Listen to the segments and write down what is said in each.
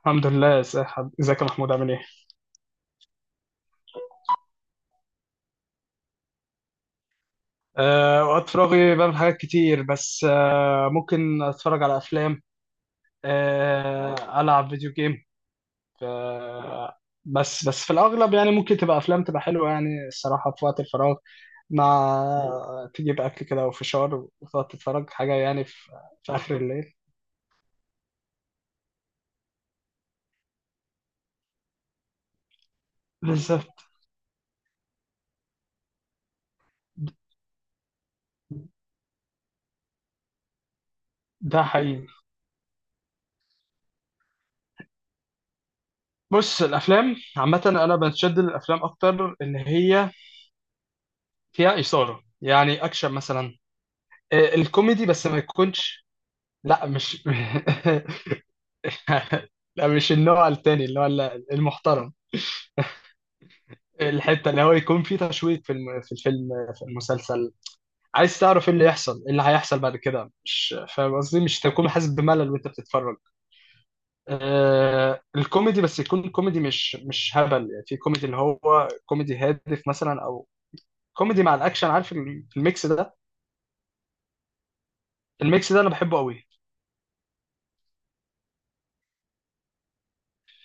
الحمد لله يا ساحب، ازيك يا محمود؟ عامل ايه؟ وقت فراغي بعمل حاجات كتير، بس ممكن اتفرج على افلام. العب فيديو جيم. أه. بس في الاغلب يعني ممكن تبقى افلام تبقى حلوه يعني الصراحه في وقت الفراغ، مع تجيب اكل كده وفشار وتقعد تتفرج حاجه يعني في اخر الليل. بالظبط. ده حقيقي. بص، الافلام عامه انا بتشد للافلام اكتر اللي هي فيها اثاره، يعني اكشن مثلا. الكوميدي بس ما يكونش لا مش لا، مش النوع التاني اللي هو المحترم. الحتة اللي هو يكون فيه تشويق في في الفيلم، في المسلسل. عايز تعرف ايه اللي يحصل، ايه اللي هيحصل بعد كده، مش فاهم قصدي؟ مش تكون حاسس بملل وانت بتتفرج. الكوميدي بس يكون كوميدي مش هبل يعني، في كوميدي اللي هو كوميدي هادف مثلا، او كوميدي مع الاكشن، عارف الميكس ده؟ الميكس ده انا بحبه قوي.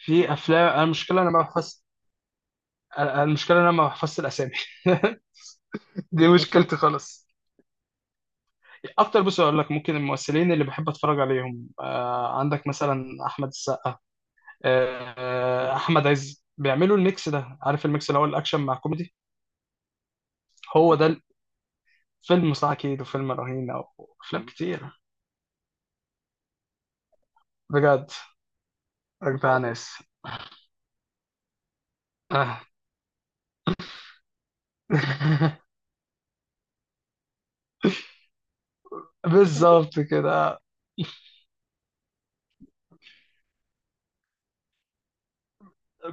في افلام، انا المشكله انا ما بحفظ. المشكله إن انا ما بحفظش الاسامي. دي مشكلتي خالص. اكتر، بص اقول لك، ممكن الممثلين اللي بحب اتفرج عليهم، عندك مثلا احمد السقا، احمد عز، بيعملوا الميكس ده، عارف الميكس اللي هو الاكشن مع كوميدي؟ هو ده. الفيلم صح، اكيد، وفيلم رهينه وافلام كتير. بجد. اجدع ناس. آه. بالظبط كده.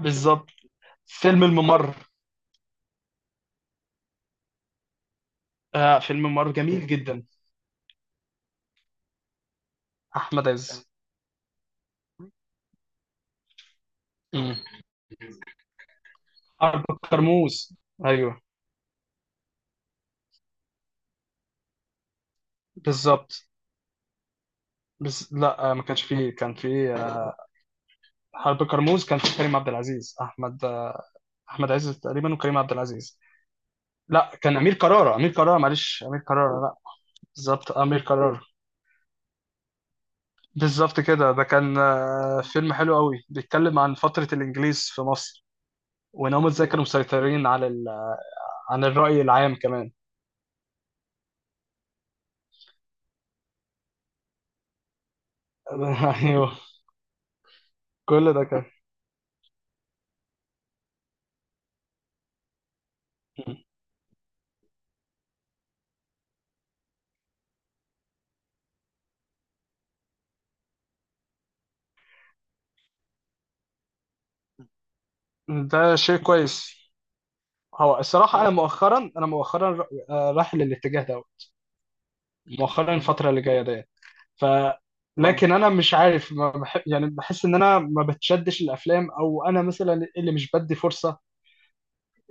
بالظبط. فيلم الممر. آه، فيلم الممر جميل جدا. احمد عز. مم. اربع كرموز. ايوه. بالظبط. بس لا ما كانش فيه، كان فيه حرب كرموز، كان فيه كريم عبد العزيز، احمد احمد عز تقريبا، وكريم عبد العزيز. لا، كان امير كرارة، امير كرارة، معلش، امير كرارة، لا. بالظبط، امير كرارة. بالظبط كده. ده كان فيلم حلو قوي، بيتكلم عن فترة الانجليز في مصر، وان هم ازاي كانوا مسيطرين على عن الرأي العام كمان. ايوه. كل ده كان. ده شيء كويس. هو الصراحة، أنا مؤخرا رايح للاتجاه ده. مؤخرا، الفترة اللي جاية دي. ف اه لكن انا مش عارف، ما بح... يعني بحس ان انا ما بتشدش الافلام، او انا مثلا اللي مش بدي فرصه،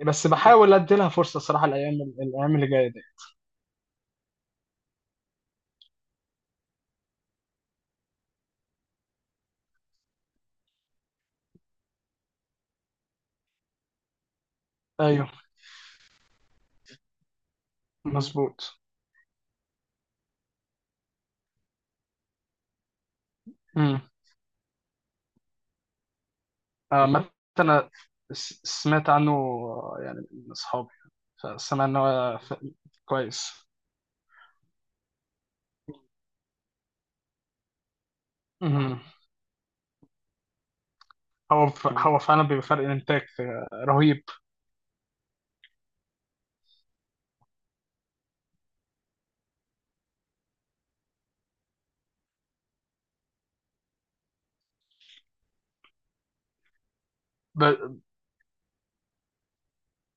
بس بحاول ادي لها فرصه صراحه، الايام اللي جايه دي. ايوه. مظبوط. امم. عامه انا سمعت عنه يعني من اصحابي، فسمع ان هو كويس. امم. هو ف... مم. هو فعلا بيبقى فرق الانتاج رهيب. ب...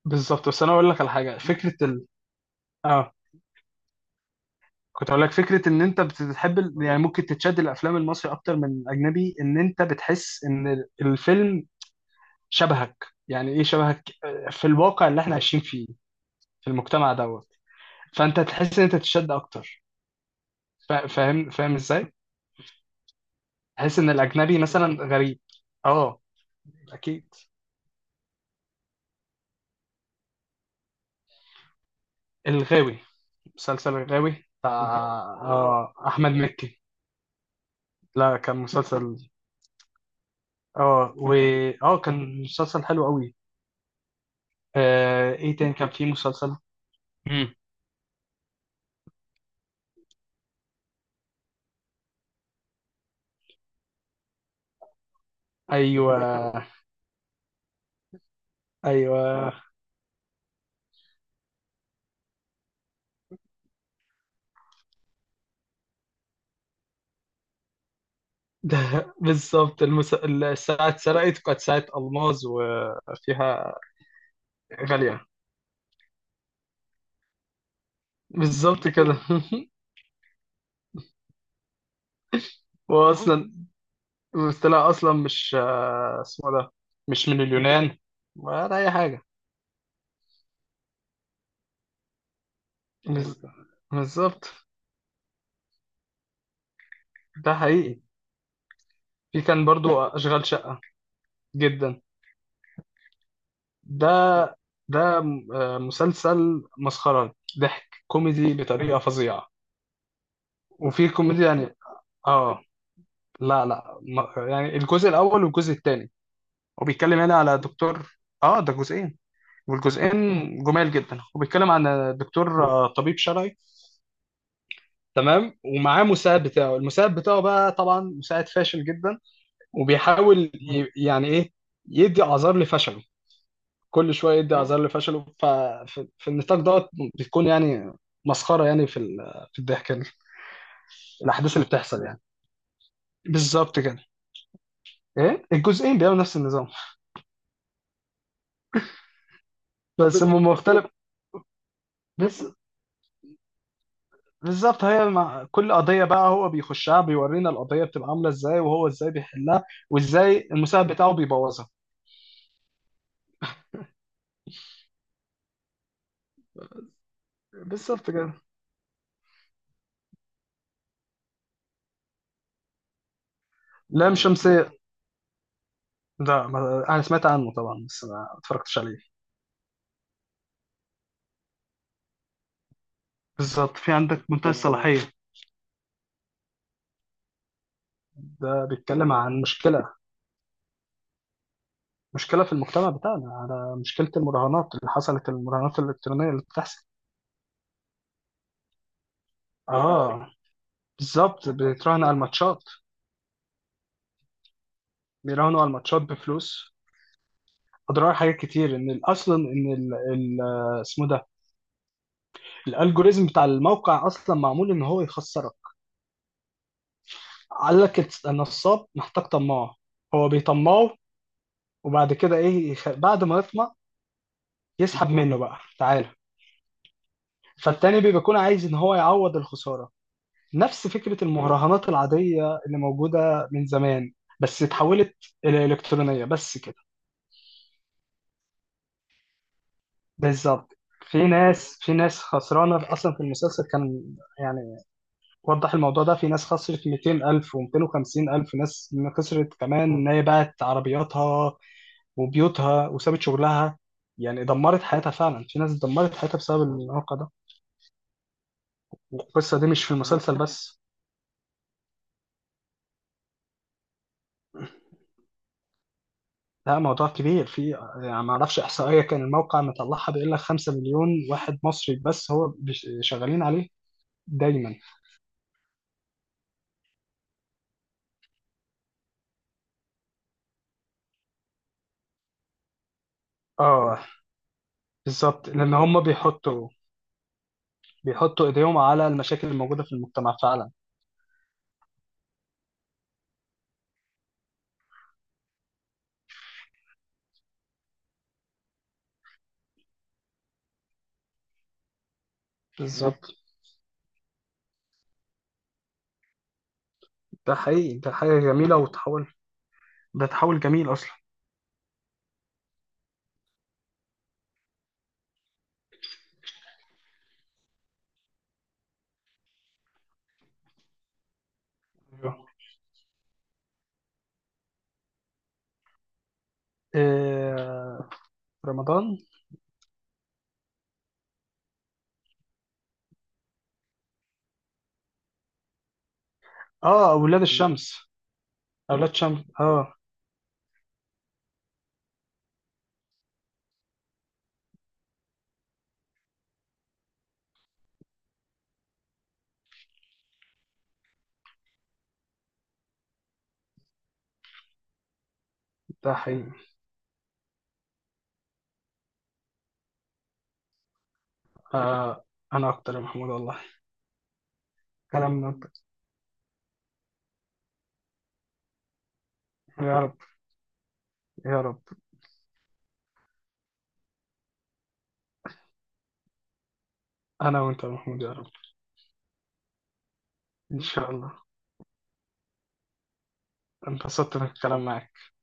بالظبط. بس انا اقول لك على حاجه، فكره ال... اه كنت اقول لك فكره، ان انت بتحب يعني ممكن تتشد الافلام المصري اكتر من الاجنبي، ان انت بتحس ان الفيلم شبهك، يعني ايه شبهك؟ في الواقع اللي احنا عايشين فيه، في المجتمع دوت. فانت تحس ان انت تتشد اكتر. فاهم؟ فاهم ازاي؟ تحس ان الاجنبي مثلا غريب. اه. اكيد. الغاوي، مسلسل الغاوي. بتاع اه احمد مكي. لا، كان مسلسل. اه و اه، كان مسلسل حلو قوي. آه، ايه تاني كان فيه مسلسل؟ ايوه. ايوه. ده بالظبط الساعه اتسرقت، وكانت ساعه الماظ وفيها غاليه. بالظبط كده. هو اصلا طلع اصلا مش اسمه إيه ده، مش من اليونان ولا اي حاجه. بز- بالظبط. ده حقيقي. في كان برضو اشغال شقه. جدا ده. ده مسلسل مسخره، ضحك كوميدي بطريقه فظيعه، وفي كوميديا يعني. اه. لا لا، يعني الجزء الاول والجزء الثاني، هو بيتكلم هنا على دكتور. اه، ده جزئين، والجزئين جمال جدا. هو بيتكلم عن دكتور طبيب شرعي، تمام، ومعاه مساعد بتاعه، المساعد بتاعه بقى طبعا مساعد فاشل جدا، وبيحاول يعني ايه، يدي اعذار لفشله، كل شويه يدي اعذار لفشله. ففي في النطاق دوت بتكون يعني مسخره يعني في في الضحك يعني الاحداث اللي بتحصل يعني. بالظبط كده. ايه الجزئين بيعملوا نفس النظام. طب بس هم مختلف. بالظبط، هي مع كل قضية بقى هو بيخشها، بيورينا القضية بتبقى عاملة ازاي، وهو ازاي بيحلها، وازاي المساعد بتاعه بيبوظها. بالظبط كده. لام شمسية ده، انا سمعت عنه طبعا، بس ما اتفرجتش عليه. بالظبط، في عندك منتهى الصلاحية، ده بيتكلم عن مشكلة، مشكلة في المجتمع بتاعنا، على مشكلة المراهنات اللي حصلت، المراهنات الإلكترونية اللي بتحصل. اه، بالظبط، بيتراهنوا على الماتشات. بيراهنوا على الماتشات بفلوس. أضرار حاجات كتير، إن أصلا إن اسمه ده، الالجوريزم بتاع الموقع اصلا معمول ان هو يخسرك. قال لك النصاب محتاج طماع، هو بيطمعه، وبعد كده ايه بعد ما يطمع يسحب منه بقى، تعالى. فالتاني بيبقى بيكون عايز ان هو يعوض الخسارة، نفس فكرة المهرجانات العادية اللي موجودة من زمان، بس اتحولت الى الكترونية، بس كده. بالظبط. في ناس خسرانة اصلا في المسلسل كان يعني وضح الموضوع ده. في ناس خسرت 200,000 و250,000، ناس خسرت كمان إن هي باعت عربياتها وبيوتها وسابت شغلها، يعني دمرت حياتها فعلا. في ناس دمرت حياتها بسبب الواقع ده. والقصة دي مش في المسلسل بس، لا، موضوع كبير. في يعني ما اعرفش احصائيه كان الموقع مطلعها، بيقول لك 5 مليون واحد مصري بس هو شغالين عليه دايما. اه، بالظبط، لان هم بيحطوا، بيحطوا ايديهم على المشاكل الموجوده في المجتمع فعلا. بالظبط. ده حقيقي. ده حاجه جميله وتحول، ده تحول جميل اصلا. ايوه. آه، رمضان. اه، اولاد الشمس. اولاد شمس اه. ده حقيقي. آه، انا اكتر يا محمود والله، كلام حبيبي من أنت. يا رب. يا رب. انا وانت يا محمود، يا رب. ان شاء الله. انبسطت من الكلام معاك.